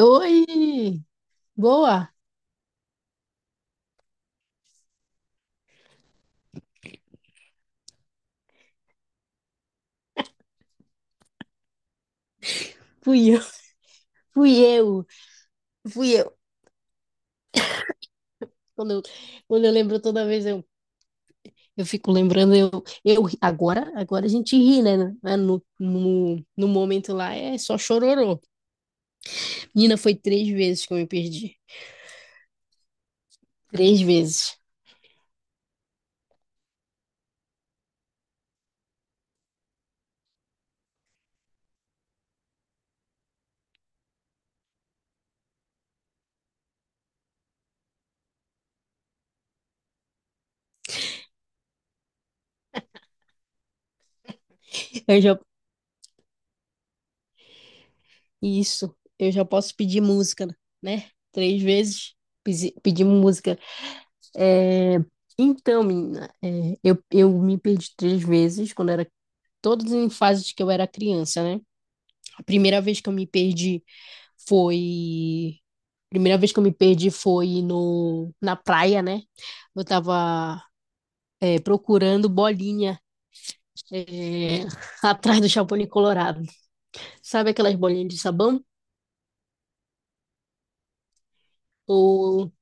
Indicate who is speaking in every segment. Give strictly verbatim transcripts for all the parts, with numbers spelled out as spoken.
Speaker 1: Oi! Boa! Fui eu, fui eu, fui eu. Quando eu, quando eu lembro toda vez, eu, eu fico lembrando, eu, eu ri- agora, agora a gente ri, né? né, No, no, no momento lá é só chororô. Menina, foi três vezes que eu me perdi. Três vezes. Eu já, isso, eu já posso pedir música, né? Três vezes pedi- pedimos música. É, então, menina, é, eu, eu me perdi três vezes quando era, todas em fases que eu era criança, né? Primeira vez que eu me perdi foi. Primeira vez que eu me perdi foi no, na praia, né? Eu tava é, procurando bolinha é, atrás do Chapolin Colorado. Sabe aquelas bolinhas de sabão? Ou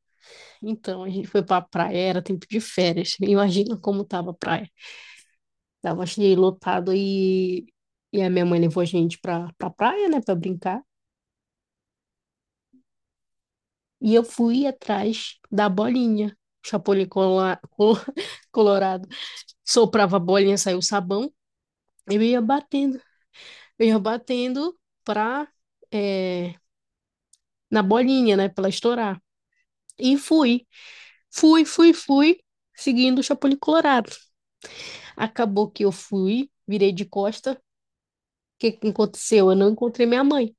Speaker 1: então a gente foi pra praia, era tempo de férias. Imagina como tava a praia. Tava cheio lotado e, e a minha mãe levou a gente pra, pra praia, né, pra brincar. E eu fui atrás da bolinha, Chapolin cola- col- Colorado. Soprava a bolinha, saiu o sabão, eu ia batendo, eu ia batendo pra, é, na bolinha, né, pra ela estourar. E fui, fui, fui, fui, seguindo o Chapolin Colorado. Acabou que eu fui, virei de costa. O que que aconteceu? Eu não encontrei minha mãe.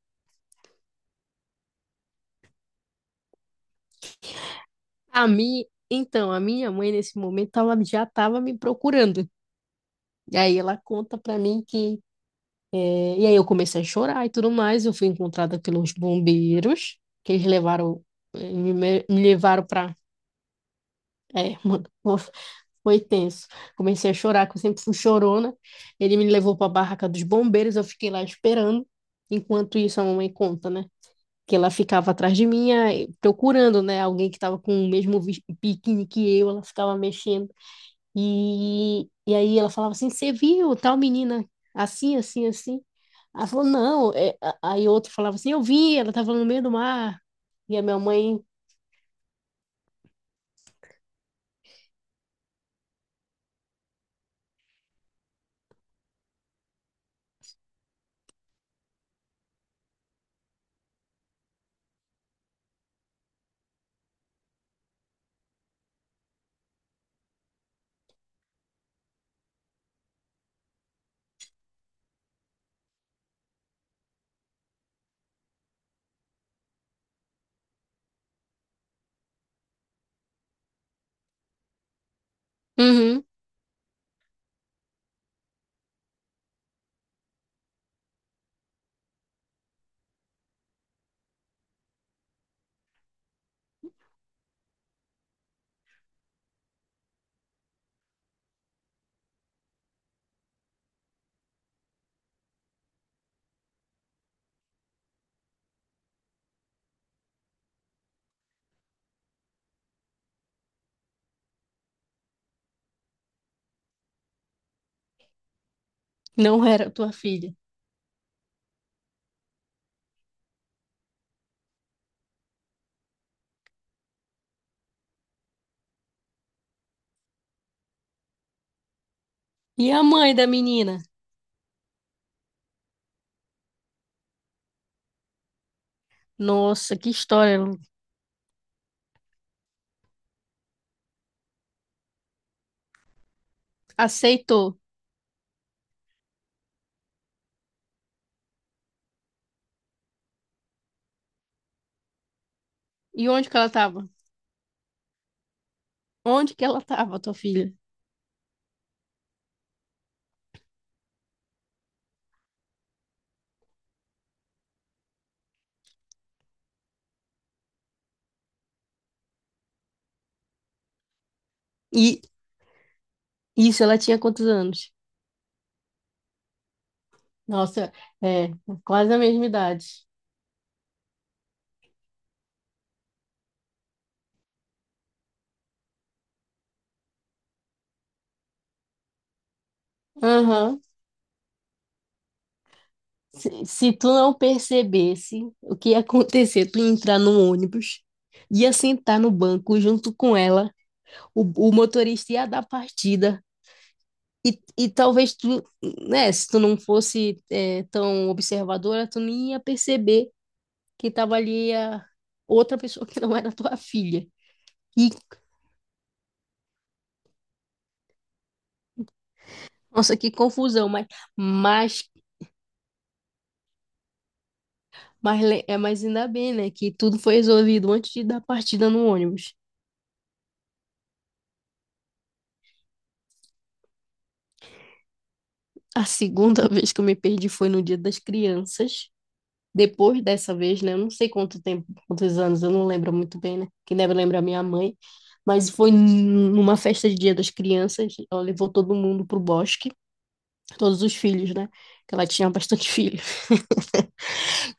Speaker 1: A minha, então, a minha mãe, nesse momento, ela já estava me procurando. E aí ela conta pra mim que. é, e aí eu comecei a chorar e tudo mais. Eu fui encontrada pelos bombeiros, que eles levaram, eh, me, me levaram pra É, mano, pô, foi tenso. Comecei a chorar, que eu sempre fui chorona. Ele me levou para a barraca dos bombeiros, eu fiquei lá esperando. Enquanto isso, a mamãe conta, né? Que ela ficava atrás de mim, aí, procurando, né? Alguém que estava com o mesmo vi- biquíni que eu, ela ficava mexendo. E, e aí ela falava assim: "Você viu tal menina assim, assim, assim?" Ela falou: "Não." É, a- aí outro falava assim: "Eu vi, ela estava no meio do mar." E a minha mãe: Uhum, não era tua filha. E a mãe da menina? Nossa, que história, Lu. Aceitou. E onde que ela tava? Onde que ela tava, tua filha? E isso, ela tinha quantos anos? Nossa, é, quase a mesma idade. Aham. Se, se tu não percebesse o que ia acontecer, tu ia entrar no ônibus, ia sentar no banco junto com ela, o, o motorista ia dar partida. E, e talvez tu, né, se tu não fosse, é, tão observadora, tu nem ia perceber que tava ali a outra pessoa que não era tua filha. E, nossa, que confusão, mas, mas, mas, le- é, mas ainda bem, né, que tudo foi resolvido antes de dar partida no ônibus. A segunda vez que eu me perdi foi no Dia das Crianças. Depois dessa vez, né, eu não sei quanto tempo, quantos anos, eu não lembro muito bem, né, que deve lembrar é minha mãe, mas foi numa festa de Dia das Crianças, ela levou todo mundo pro bosque, todos os filhos, né, que ela tinha bastante filho.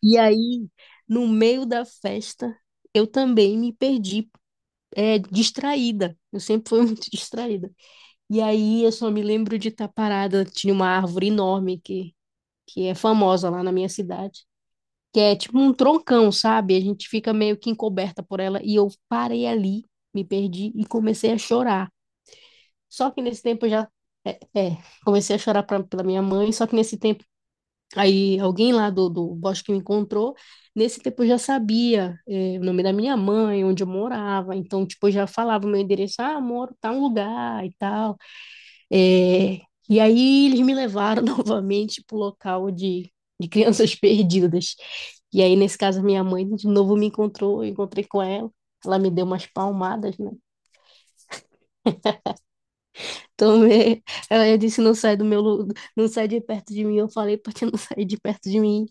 Speaker 1: E aí, no meio da festa, eu também me perdi, é, distraída. Eu sempre fui muito distraída. E aí, eu só me lembro de estar parada. Tinha uma árvore enorme que, que é famosa lá na minha cidade, que é tipo um troncão, sabe? A gente fica meio que encoberta por ela. E eu parei ali, me perdi e comecei a chorar. Só que nesse tempo eu já. É, é, Comecei a chorar pra, pela minha mãe, só que nesse tempo aí alguém lá do, do bosque me encontrou. Nesse tempo eu já sabia eh, o nome da minha mãe, onde eu morava. Então, tipo, eu já falava o meu endereço: "Ah, moro tal lugar e tal." Eh, e aí eles me levaram novamente pro local de, de crianças perdidas. E aí, nesse caso, minha mãe de novo me encontrou, eu encontrei com ela. Ela me deu umas palmadas, né? Então, eh, ela disse, não sai do meu, lu- não sai de perto de mim. Eu falei: "Pra ti não sair de perto de mim."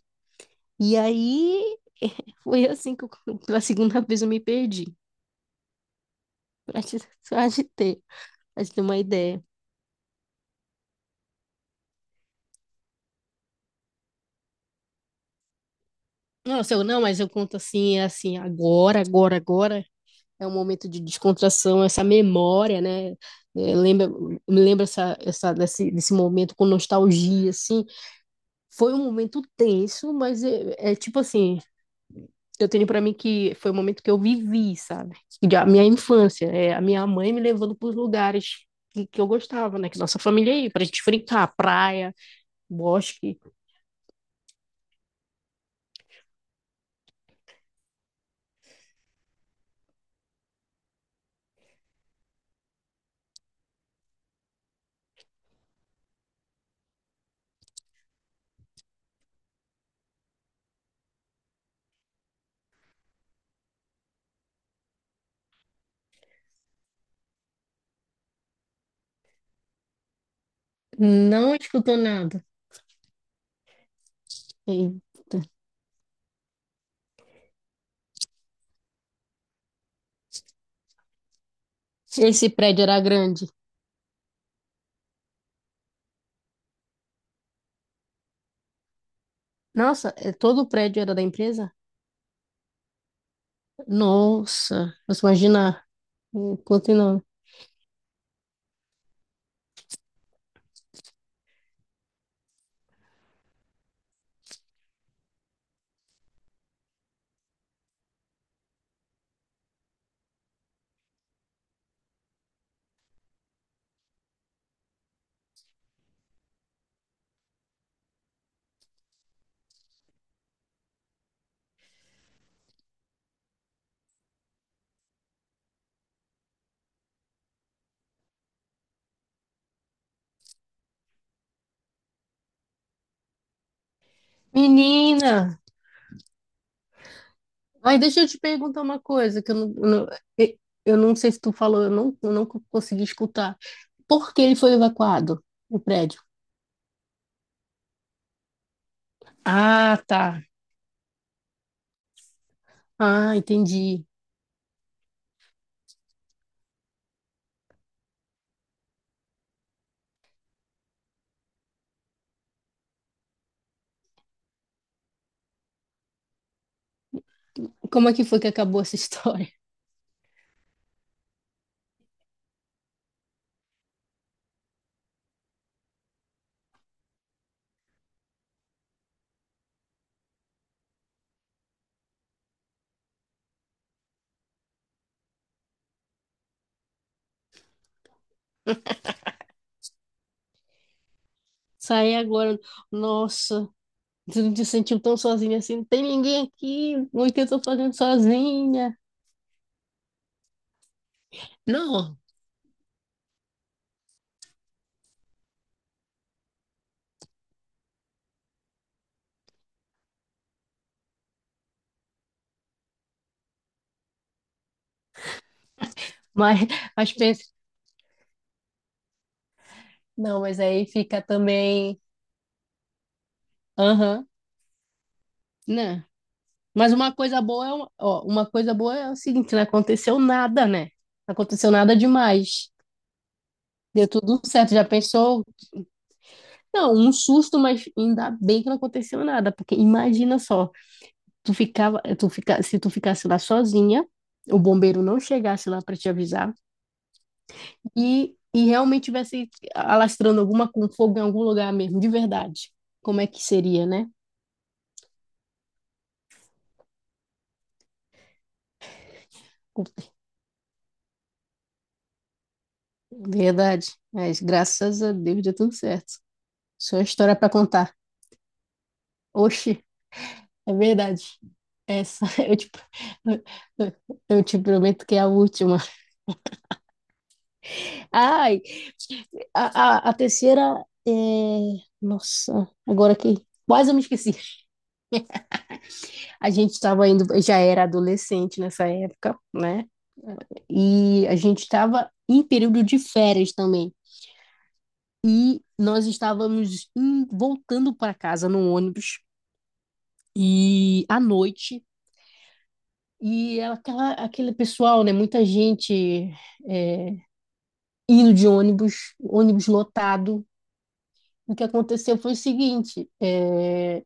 Speaker 1: E aí foi assim que eu- pela segunda vez eu me perdi. Pra te, pra te ter, pra te ter uma ideia. Nossa, eu não, mas eu conto assim, é assim, agora, agora, agora é um momento de descontração, essa memória, né? É, lembra, me lembra essa, essa, desse, desse momento com nostalgia, assim. Foi um momento tenso, mas é, é tipo assim, eu tenho para mim que foi o momento que eu vivi, sabe? De- A minha infância, é, a minha mãe me levando para os lugares que, que eu gostava, né? Que nossa família ia, pra gente brincar, praia, bosque. Não escutou nada. Eita. Esse prédio era grande. Nossa, é- todo o prédio era da empresa? Nossa, você imagina o quanto não. Menina, ai, deixa eu te perguntar uma coisa que eu não, eu não, eh, eu não sei se tu falou, eu não, eu não co- consegui escutar. Por que ele foi evacuado, o prédio? Ah, tá. Ah, entendi. Como é que foi que acabou essa história? Saí agora. Nossa, você não te sentiu tão sozinha assim? Não tem ninguém aqui. O que eu tô fazendo sozinha? Não, mas, mas pensa. Não, mas aí fica também. Aham. Né, mas uma coisa boa é, uma- ó, uma coisa boa é o seguinte, não aconteceu nada, né? Não aconteceu nada demais. Deu tudo certo, já pensou? Não, um susto, mas ainda bem que não aconteceu nada, porque imagina só, tu ficava, tu fica, se tu ficasse lá sozinha, o bombeiro não chegasse lá para te avisar e, e realmente tivesse alastrando alguma com fogo em algum lugar mesmo, de verdade. Como é que seria, né? Verdade. Mas graças a Deus deu tudo certo. Só história para contar. Oxi. É verdade. Essa, eu te, eu te prometo que é a última. Ai, a, a, a terceira é... Nossa, agora que quase eu me esqueci. A gente estava indo, já era adolescente nessa época, né? E a gente estava em período de férias também. E nós estávamos em- voltando para casa no ônibus e à noite. E aquela, aquele pessoal, né? Muita gente, é, ido de ônibus, ônibus lotado. O que aconteceu foi o seguinte: é,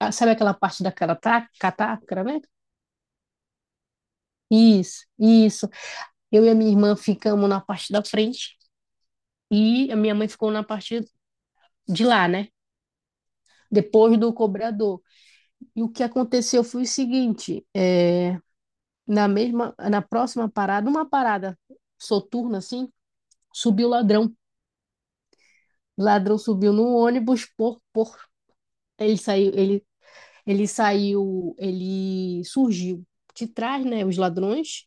Speaker 1: ah, sabe aquela parte da carata- catraca, né? Isso, isso. Eu e a minha irmã ficamos na parte da frente e a minha mãe ficou na parte de lá, né? Depois do cobrador. E o que aconteceu foi o seguinte: é, na mesma, na próxima parada, uma parada soturna assim, subiu o ladrão. O ladrão subiu no ônibus por, por ele saiu, ele Ele saiu, ele surgiu de trás, né? Os ladrões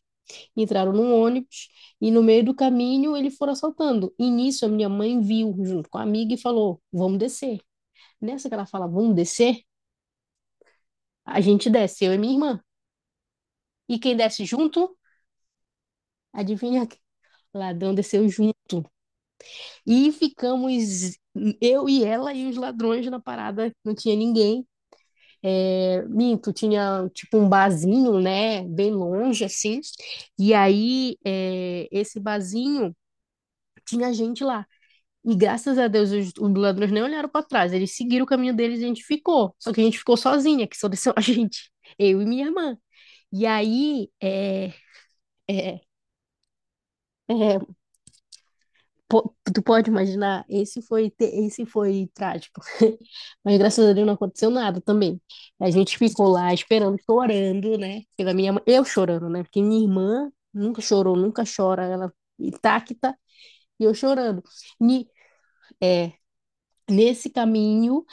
Speaker 1: entraram num ônibus e no meio do caminho eles foram assaltando. E nisso a minha mãe viu junto com a amiga e falou: "Vamos descer." Nessa que ela fala "vamos descer", a gente desce, eu e minha irmã. E quem desce junto, adivinha quem? O ladrão desceu junto. E ficamos eu e ela e os ladrões na parada, não tinha ninguém. É, minto, tinha tipo um barzinho, né, bem longe assim. E aí, é, esse barzinho tinha gente lá. E graças a Deus os, os ladrões nem olharam para trás, eles seguiram o caminho deles e a gente ficou. Só que a gente ficou sozinha, que só desceu a gente, eu e minha irmã. E aí, é, é, é, po- tu pode imaginar, esse foi, te- esse foi trágico. Mas graças a Deus não aconteceu nada também. A gente ficou lá esperando, chorando, né? Pela minha mãe, eu chorando, né? Porque minha irmã nunca chorou, nunca chora, ela intacta e eu chorando. Ni- é, nesse caminho,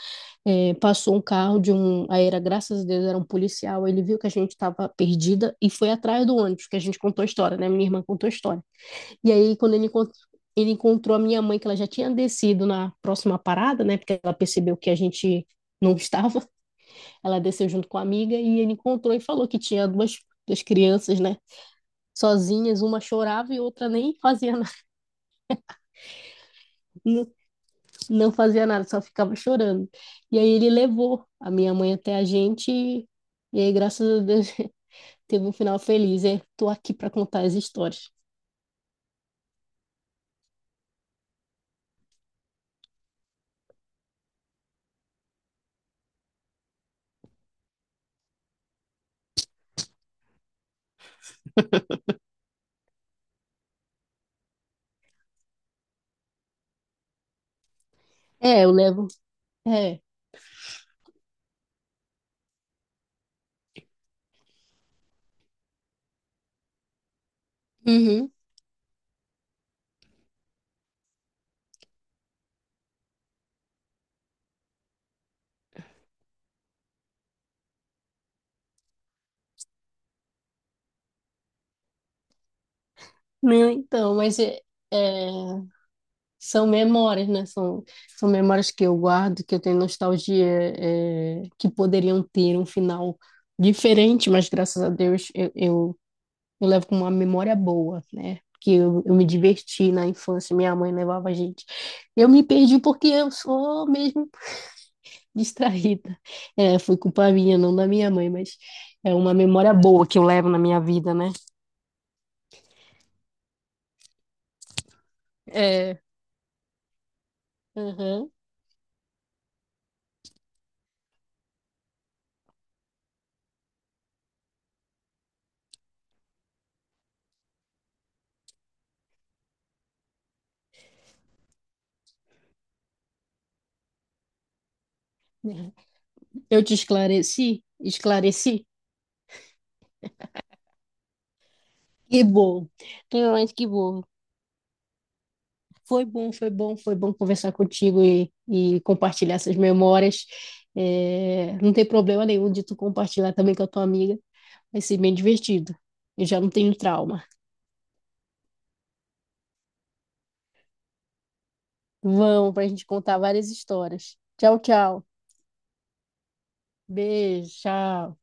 Speaker 1: é, passou um carro de um, aí era, graças a Deus, era um policial, ele viu que a gente estava perdida e foi atrás do ônibus, que a gente contou a história, né? Minha irmã contou a história. E aí, quando ele encont- ele encontrou a minha mãe, que ela já tinha descido na próxima parada, né? Porque ela percebeu que a gente não estava. Ela desceu junto com a amiga e ele encontrou e falou que tinha duas, duas crianças, né? Sozinhas, uma chorava e outra nem fazia nada, não, não fazia nada, só ficava chorando. E aí ele levou a minha mãe até a gente e, e aí, graças a Deus, teve um final feliz. É, tô aqui para contar as histórias. É, eu levo. É. Uhum. Né, então, mas é, é, são memórias, né? São, são memórias que eu guardo, que eu tenho nostalgia, é, que poderiam ter um final diferente, mas graças a Deus eu, eu, eu levo com uma memória boa, né? Que eu, eu me diverti na infância, minha mãe levava a gente. Eu me perdi porque eu sou mesmo distraída. É, foi culpa minha, não da minha mãe, mas é uma memória boa que eu levo na minha vida, né? É, aham. Eu te esclareci? Esclareci? Que bom, realmente que bom. Foi bom, foi bom, foi bom conversar contigo e, e compartilhar essas memórias. É, não tem problema nenhum de tu compartilhar também com a tua amiga. Vai ser bem divertido. Eu já não tenho trauma. Vamos para a gente contar várias histórias. Tchau, tchau. Beijo, tchau.